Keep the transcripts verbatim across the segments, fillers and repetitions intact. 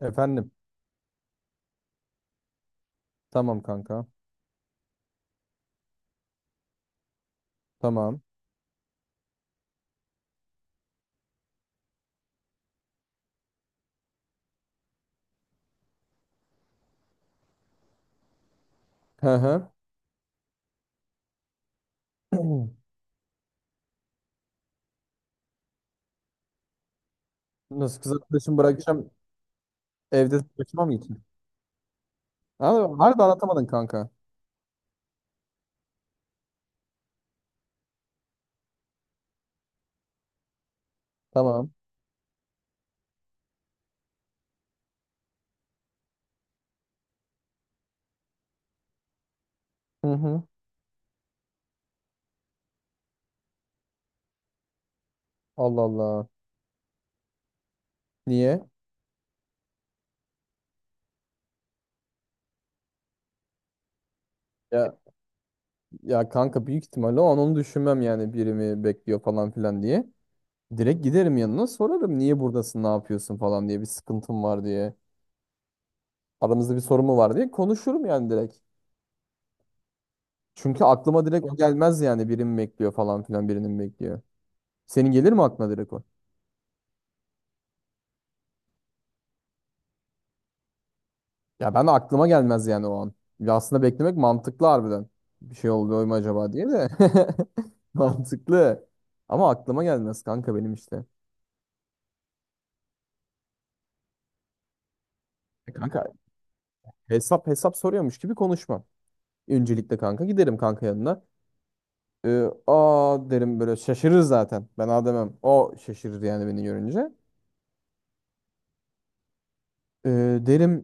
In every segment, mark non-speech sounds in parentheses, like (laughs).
Efendim. Tamam kanka. Tamam. Hı hı. (clears throat) Nasıl kız arkadaşımı bırakacağım? Evde başıma mı geçeyim? Abi, harbi anlatamadın kanka. Tamam. Hı hı. Allah Allah. Niye? Ya, ya kanka büyük ihtimalle o an onu düşünmem yani biri mi bekliyor falan filan diye. Direkt giderim yanına sorarım niye buradasın ne yapıyorsun falan diye bir sıkıntım var diye. Aramızda bir sorun mu var diye konuşurum yani direkt. Çünkü aklıma direkt o gelmez yani biri mi bekliyor falan filan birinin bekliyor. Senin gelir mi aklına direkt o? Ya ben de aklıma gelmez yani o an. Ya aslında beklemek mantıklı harbiden. Bir şey oluyor mu acaba diye de. (laughs) Mantıklı. Ama aklıma gelmez kanka benim işte. E kanka hesap hesap soruyormuş gibi konuşmam. Öncelikle kanka giderim kanka yanına. Ee, aa derim böyle şaşırır zaten. Ben aa demem. O şaşırır yani beni görünce. Ee, Derim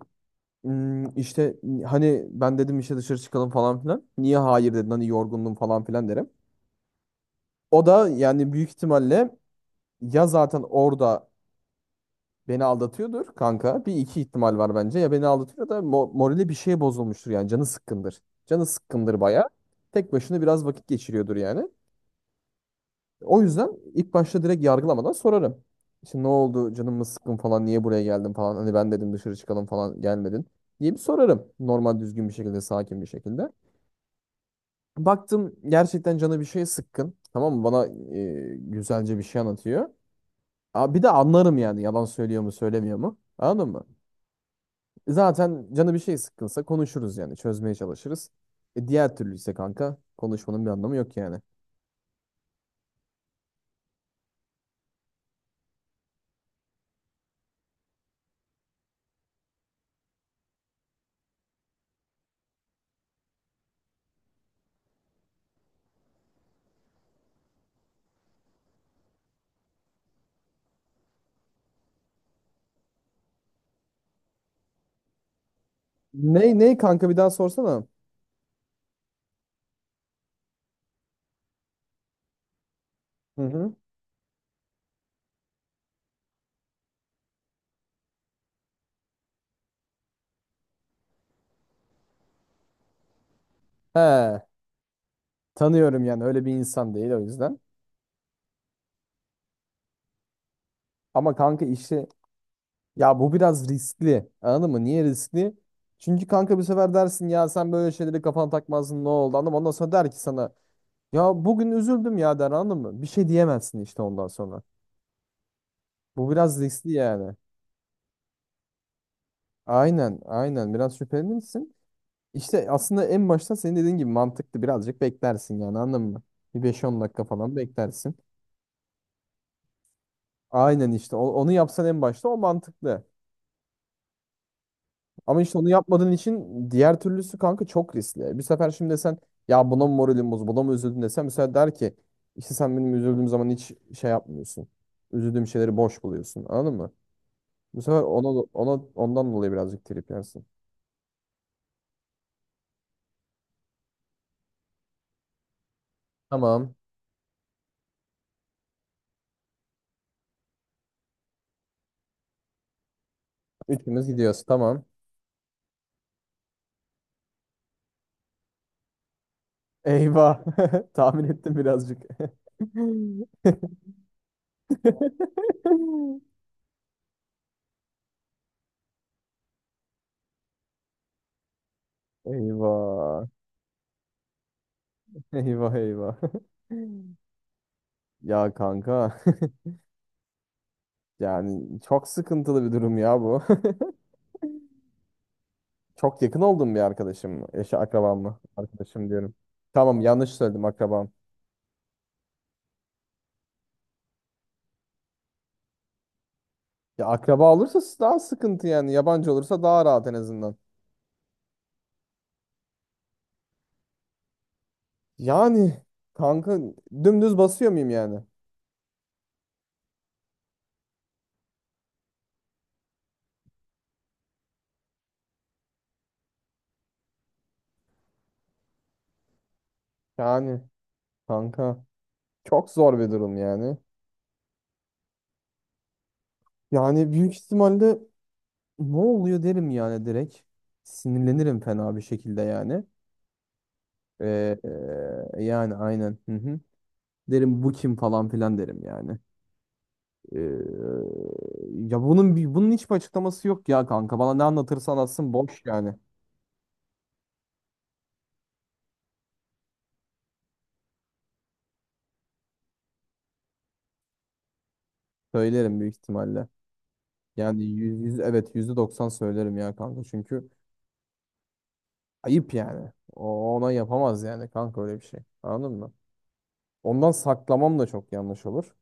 "Hmm, işte hani ben dedim işte dışarı çıkalım falan filan. Niye hayır dedin hani yorgundum falan filan derim. O da yani büyük ihtimalle ya zaten orada beni aldatıyordur kanka. Bir iki ihtimal var bence. Ya beni aldatıyor da mo- morali bir şeye bozulmuştur yani. Canı sıkkındır. Canı sıkkındır baya. Tek başına biraz vakit geçiriyordur yani. O yüzden ilk başta direkt yargılamadan sorarım. Şimdi ne oldu? Canım mı sıkkın falan? Niye buraya geldin falan? Hani ben dedim dışarı çıkalım falan gelmedin diye bir sorarım. Normal düzgün bir şekilde, sakin bir şekilde. Baktım gerçekten canı bir şeye sıkkın. Tamam mı? Bana e, güzelce bir şey anlatıyor. Aa, bir de anlarım yani yalan söylüyor mu söylemiyor mu? Anladın mı? Zaten canı bir şey sıkkınsa konuşuruz yani çözmeye çalışırız. E diğer türlü ise kanka konuşmanın bir anlamı yok yani. Ney ney kanka bir daha sorsana. Hı hı. He, tanıyorum yani öyle bir insan değil o yüzden. Ama kanka işi ya bu biraz riskli. Anladın mı? Niye riskli? Çünkü kanka bir sefer dersin ya sen böyle şeyleri kafana takmazdın ne oldu anladın mı? Ondan sonra der ki sana ya bugün üzüldüm ya der anladın mı? Bir şey diyemezsin işte ondan sonra. Bu biraz riskli yani. Aynen aynen biraz şüpheli misin? İşte aslında en başta senin dediğin gibi mantıklı birazcık beklersin yani anladın mı? Bir beş on dakika falan beklersin. Aynen işte o- onu yapsan en başta o mantıklı. Ama işte onu yapmadığın için diğer türlüsü kanka çok riskli. Bir sefer şimdi desen ya buna mı moralim bozuldu buna mı üzüldün desem mesela der ki işte sen benim üzüldüğüm zaman hiç şey yapmıyorsun. Üzüldüğüm şeyleri boş buluyorsun anladın mı? Bu sefer ona, ona ondan dolayı birazcık trip yersin. Tamam. Üçümüz gidiyoruz tamam. Eyvah. (laughs) Tahmin ettim birazcık. (laughs) (laughs) Eyvah. Eyvah eyvah. (laughs) Ya kanka (laughs) yani çok sıkıntılı bir durum ya bu. (laughs) Çok yakın olduğum bir arkadaşım mı? Eşi akrabam mı? Arkadaşım diyorum. Tamam yanlış söyledim akrabam. Ya akraba olursa daha sıkıntı yani. Yabancı olursa daha rahat en azından. Yani kanka dümdüz basıyor muyum yani? Yani kanka çok zor bir durum yani. Yani büyük ihtimalle ne oluyor derim yani direkt. Sinirlenirim fena bir şekilde yani. Ee, e, yani aynen. Hı hı. Derim bu kim falan filan derim yani. Ee, Ya bunun bir- bunun hiçbir açıklaması yok ya kanka. Bana ne anlatırsa anlatsın boş yani. Söylerim büyük ihtimalle. Yani yüz, yüz evet, yüzde doksan söylerim ya kanka. Çünkü ayıp yani. O ona yapamaz yani kanka öyle bir şey. Anladın mı? Ondan saklamam da çok yanlış olur.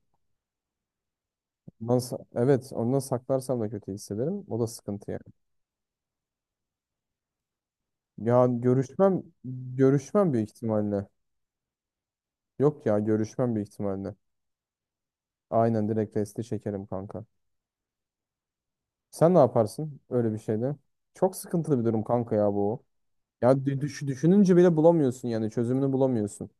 Ondan sa- evet, ondan saklarsam da kötü hissederim. O da sıkıntı yani. Ya görüşmem, görüşmem büyük ihtimalle. Yok ya görüşmem büyük ihtimalle. Aynen direkt resti çekerim kanka. Sen ne yaparsın öyle bir şeyde? Çok sıkıntılı bir durum kanka ya bu. Ya dü- düş- düşününce bile bulamıyorsun yani çözümünü bulamıyorsun.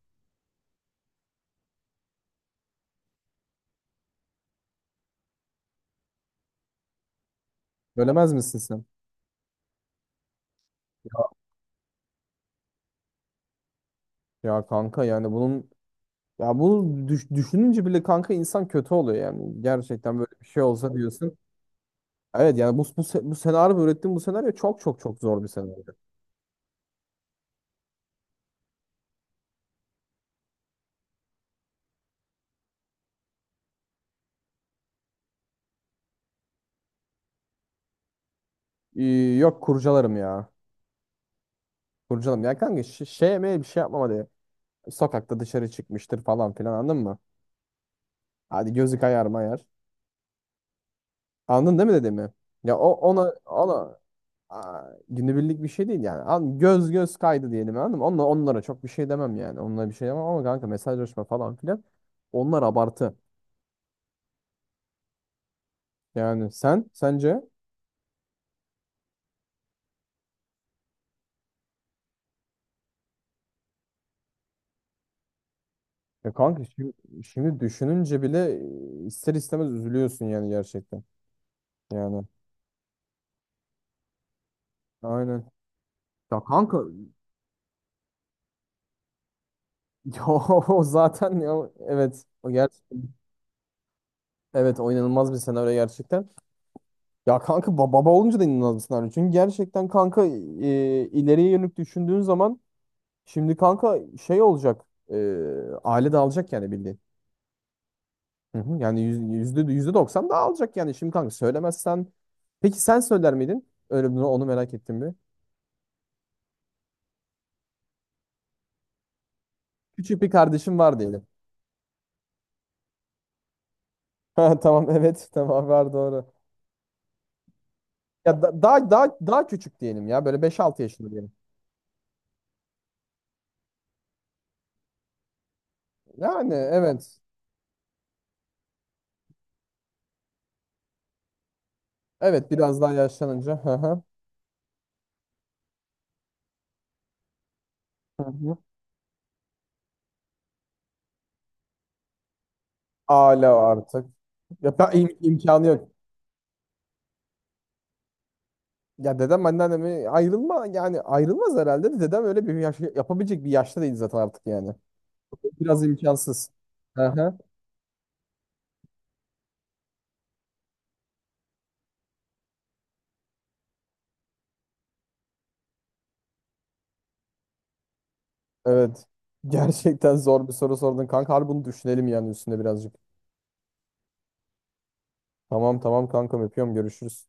Bölemez misin sen? Ya kanka yani bunun ya bunu düş- düşününce bile kanka insan kötü oluyor yani. Gerçekten böyle bir şey olsa diyorsun. Evet yani bu bu, se- bu senaryo ürettiğim bu senaryo çok çok çok zor bir senaryo. Ee, yok kurcalarım ya. Burcu'nun ya kanka ş- şey yemeğe bir şey yapmam hadi. Sokakta dışarı çıkmıştır falan filan anladın mı? Hadi gözü kayar mayar. Anladın değil mi dediğimi? Ya o ona ona aa, günübirlik bir şey değil yani. An göz göz kaydı diyelim anladın mı? Onla, onlara çok bir şey demem yani. Onlara bir şey demem ama kanka mesajlaşma falan filan. Onlar abartı. Yani sen sence ya kanka şimdi, şimdi düşününce bile e, ister istemez üzülüyorsun yani gerçekten. Yani aynen. Ya kanka (laughs) ya o zaten ya evet o ger. Evet o inanılmaz bir senaryo gerçekten. Ya kanka ba- baba olunca da inanılmaz bir senaryo. Çünkü gerçekten kanka e, ileriye yönelik düşündüğün zaman şimdi kanka şey olacak. e, aile dağılacak yani bildiğin. Hı hı. Yani yüz- yüzde yüzde doksan dağılacak yani. Şimdi kanka söylemezsen. Peki sen söyler miydin? Öyle bunu onu merak ettim bir. Küçük bir kardeşim var diyelim. (laughs) Ha, tamam evet, (laughs) tamam var doğru. Ya da- daha daha daha küçük diyelim ya böyle beş altı yaşında diyelim. Yani evet. Evet biraz daha yaşlanınca. Hı hı. Hı hı. Hala artık. Ya ben, im- imkanı yok. Ya dedem anneannemi ayrılma yani ayrılmaz herhalde de dedem öyle bir yaş yapabilecek bir yaşta değil zaten artık yani. Biraz imkansız. Aha, evet. (laughs) Gerçekten zor bir soru sordun kanka. Harbi bunu düşünelim yani üstüne birazcık. Tamam tamam kankam öpüyorum görüşürüz.